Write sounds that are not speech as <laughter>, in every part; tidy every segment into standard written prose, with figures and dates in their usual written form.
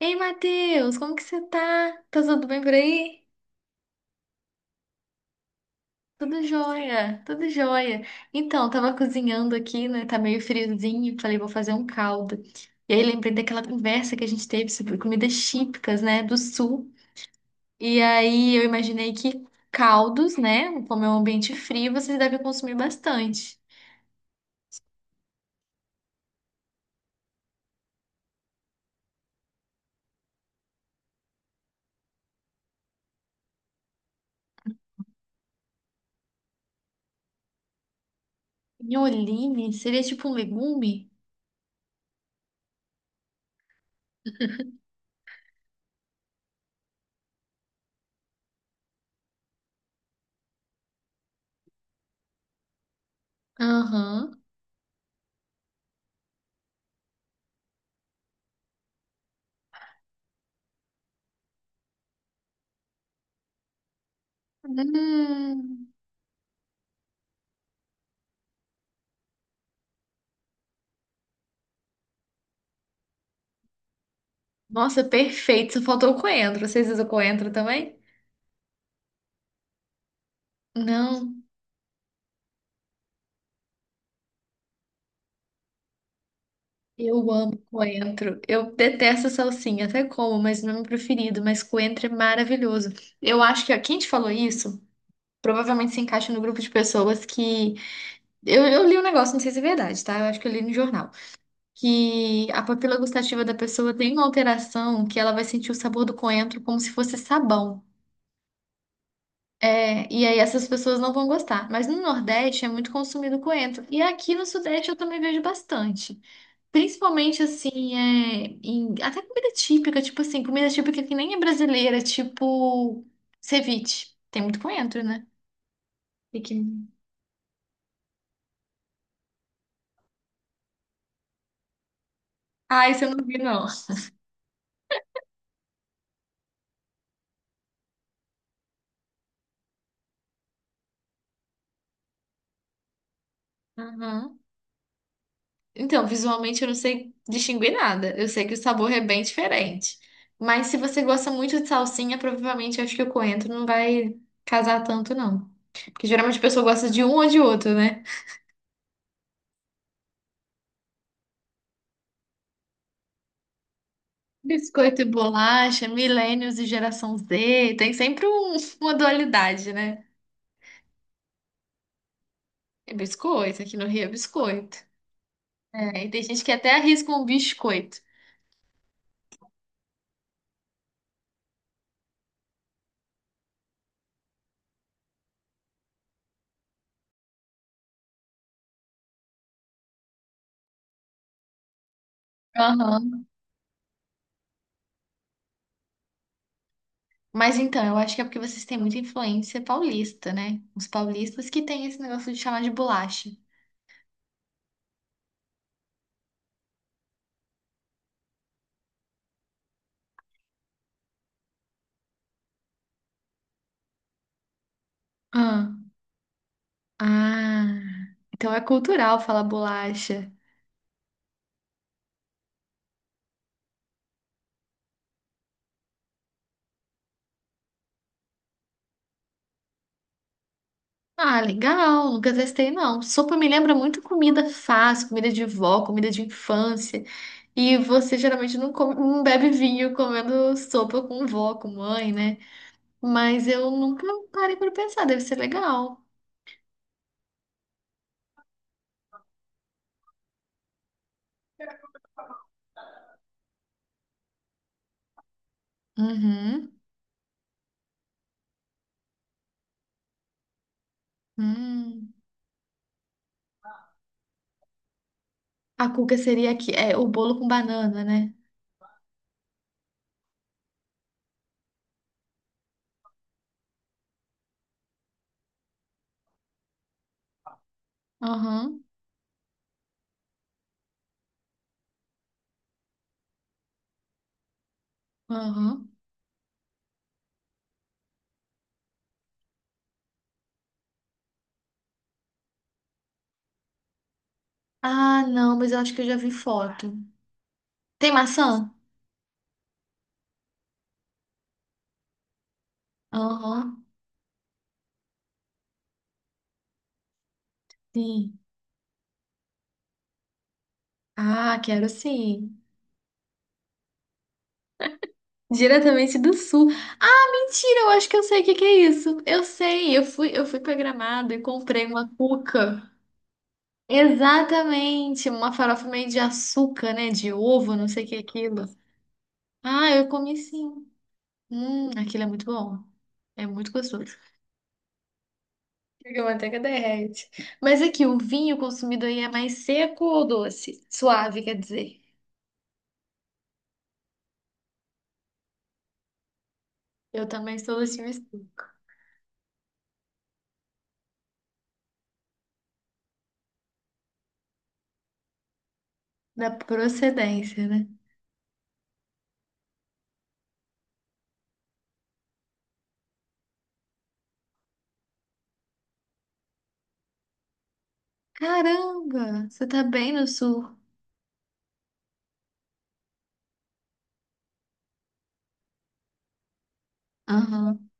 Ei, Matheus, como que você tá? Tá tudo bem por aí? Tudo jóia, tudo jóia. Então, tava cozinhando aqui, né? Tá meio friozinho, falei, vou fazer um caldo. E aí lembrei daquela conversa que a gente teve sobre comidas típicas, né, do sul. E aí eu imaginei que caldos, né, como é um ambiente frio, vocês devem consumir bastante. Nholine seria tipo um legume? Aham. Hum. Nossa, perfeito. Só faltou o coentro. Vocês usam coentro também? Não. Eu amo coentro. Eu detesto salsinha, até como, mas não é meu preferido. Mas coentro é maravilhoso. Eu acho que ó, quem te falou isso provavelmente se encaixa no grupo de pessoas que. Eu li um negócio, não sei se é verdade, tá? Eu acho que eu li no jornal. Que a papila gustativa da pessoa tem uma alteração que ela vai sentir o sabor do coentro como se fosse sabão. É, e aí essas pessoas não vão gostar. Mas no Nordeste é muito consumido coentro. E aqui no Sudeste eu também vejo bastante. Principalmente assim, até comida típica, tipo assim, comida típica que nem é brasileira, tipo ceviche. Tem muito coentro, né? E Ah, isso eu não vi, não. Aham. Então, visualmente eu não sei distinguir nada. Eu sei que o sabor é bem diferente. Mas se você gosta muito de salsinha, provavelmente acho que o coentro não vai casar tanto, não. Porque geralmente a pessoa gosta de um ou de outro, né? Biscoito e bolacha, millennials e geração Z, tem sempre <laughs> uma dualidade, né? É biscoito, aqui no Rio é biscoito. É, e tem gente que até arrisca um biscoito. Aham. Mas então, eu acho que é porque vocês têm muita influência paulista, né? Os paulistas que têm esse negócio de chamar de bolacha. Ah, ah, então é cultural falar bolacha. Ah, legal, nunca testei não. Sopa me lembra muito comida fácil, comida de vó, comida de infância. E você geralmente não bebe vinho comendo sopa com vó, com mãe, né? Mas eu nunca parei para pensar, deve ser legal. Uhum. Hum. A cuca seria aqui, é o bolo com banana, né? Aham, aham. Ah, não, mas eu acho que eu já vi foto. Tem maçã? Aham, sim. Ah, quero sim. Diretamente do sul. Ah, mentira, eu acho que eu sei o que que é isso. Eu sei, eu fui para Gramado e comprei uma cuca. Exatamente, uma farofa meio de açúcar, né? De ovo, não sei o que é aquilo. Ah, eu comi sim. Aquilo é muito bom. É muito gostoso. Porque a manteiga derrete. Mas aqui, o vinho consumido aí é mais seco ou doce? Suave, quer dizer. Eu também sou do time sul. Da procedência, né? Caramba, você tá bem no sul. Aham.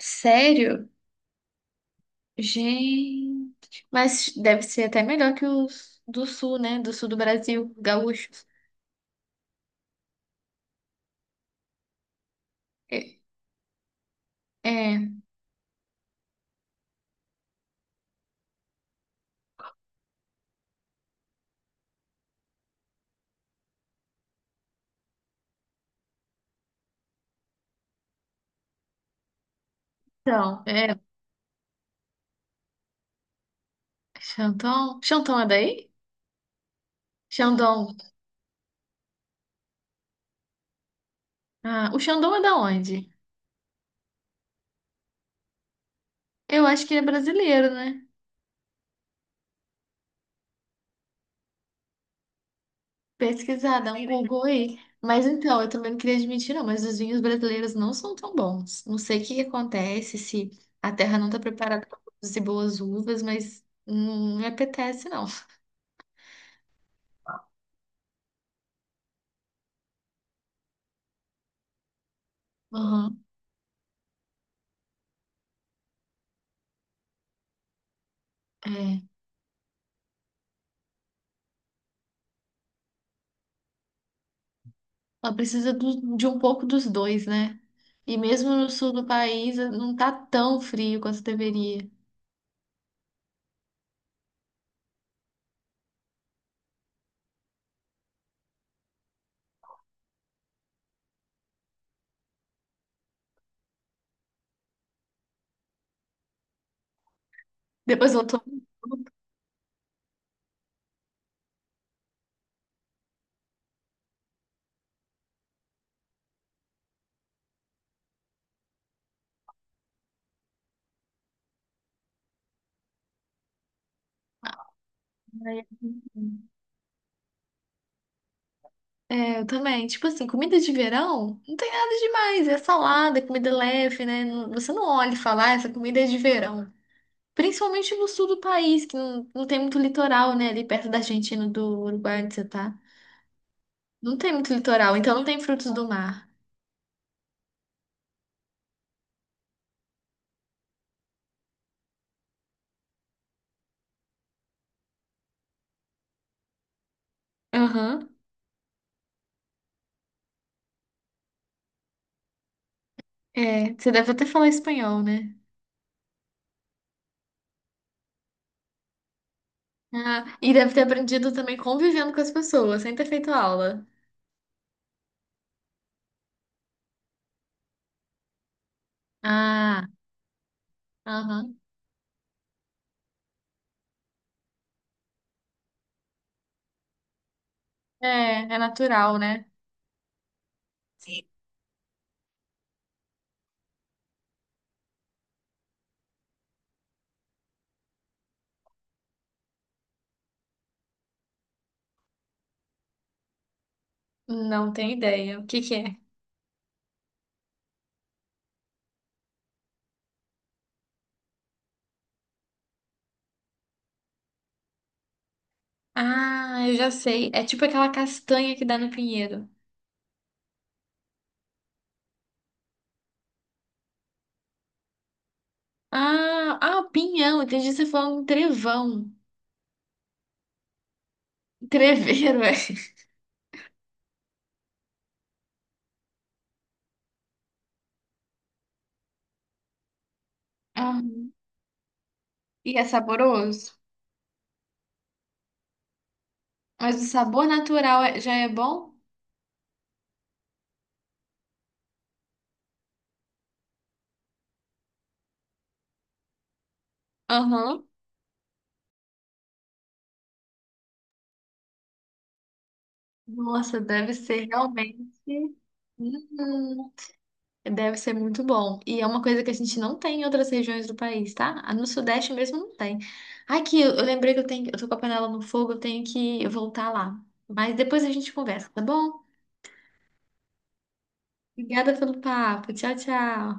Sério? Gente. Mas deve ser até melhor que os do sul, né? Do sul do Brasil, gaúchos. É, é, então, é. Xandão. Xandão é daí? Xandão. Ah, o Xandão é da onde? Eu acho que ele é brasileiro, né? Pesquisar, dá um Google aí. Mas então, eu também não queria admitir, não, mas os vinhos brasileiros não são tão bons. Não sei o que que acontece, se a terra não está preparada para produzir boas uvas, mas não me apetece, não. Aham, é. Ela precisa de um pouco dos dois, né? E mesmo no sul do país, não tá tão frio quanto deveria. Depois voltou. É, eu também. Tipo assim, comida de verão não tem nada demais. É salada, é comida leve, né? Você não olha e fala, "Ah, essa comida é de verão. Principalmente no sul do país, que não tem muito litoral, né? Ali perto da Argentina, do Uruguai, onde você tá. Não tem muito litoral, então não tem frutos do mar. Aham. É, você deve até falar espanhol, né? Ah, e deve ter aprendido também convivendo com as pessoas, sem ter feito aula. Ah, aham. É, é natural, né? Sim. Não tenho ideia. O que que é? Ah, eu já sei. É tipo aquela castanha que dá no pinheiro. Ah, ah, pinhão. Entendi você falando trevão. Treveiro, <laughs> é. Ah, e é saboroso? Mas o sabor natural já é bom? Aham. Nossa, deve ser realmente. Hum, Deve ser muito bom. E é uma coisa que a gente não tem em outras regiões do país, tá? Ah, no Sudeste mesmo não tem. Aqui, eu lembrei que eu tenho, eu tô com a panela no fogo, eu tenho que voltar lá. Mas depois a gente conversa, tá bom? Obrigada pelo papo. Tchau, tchau.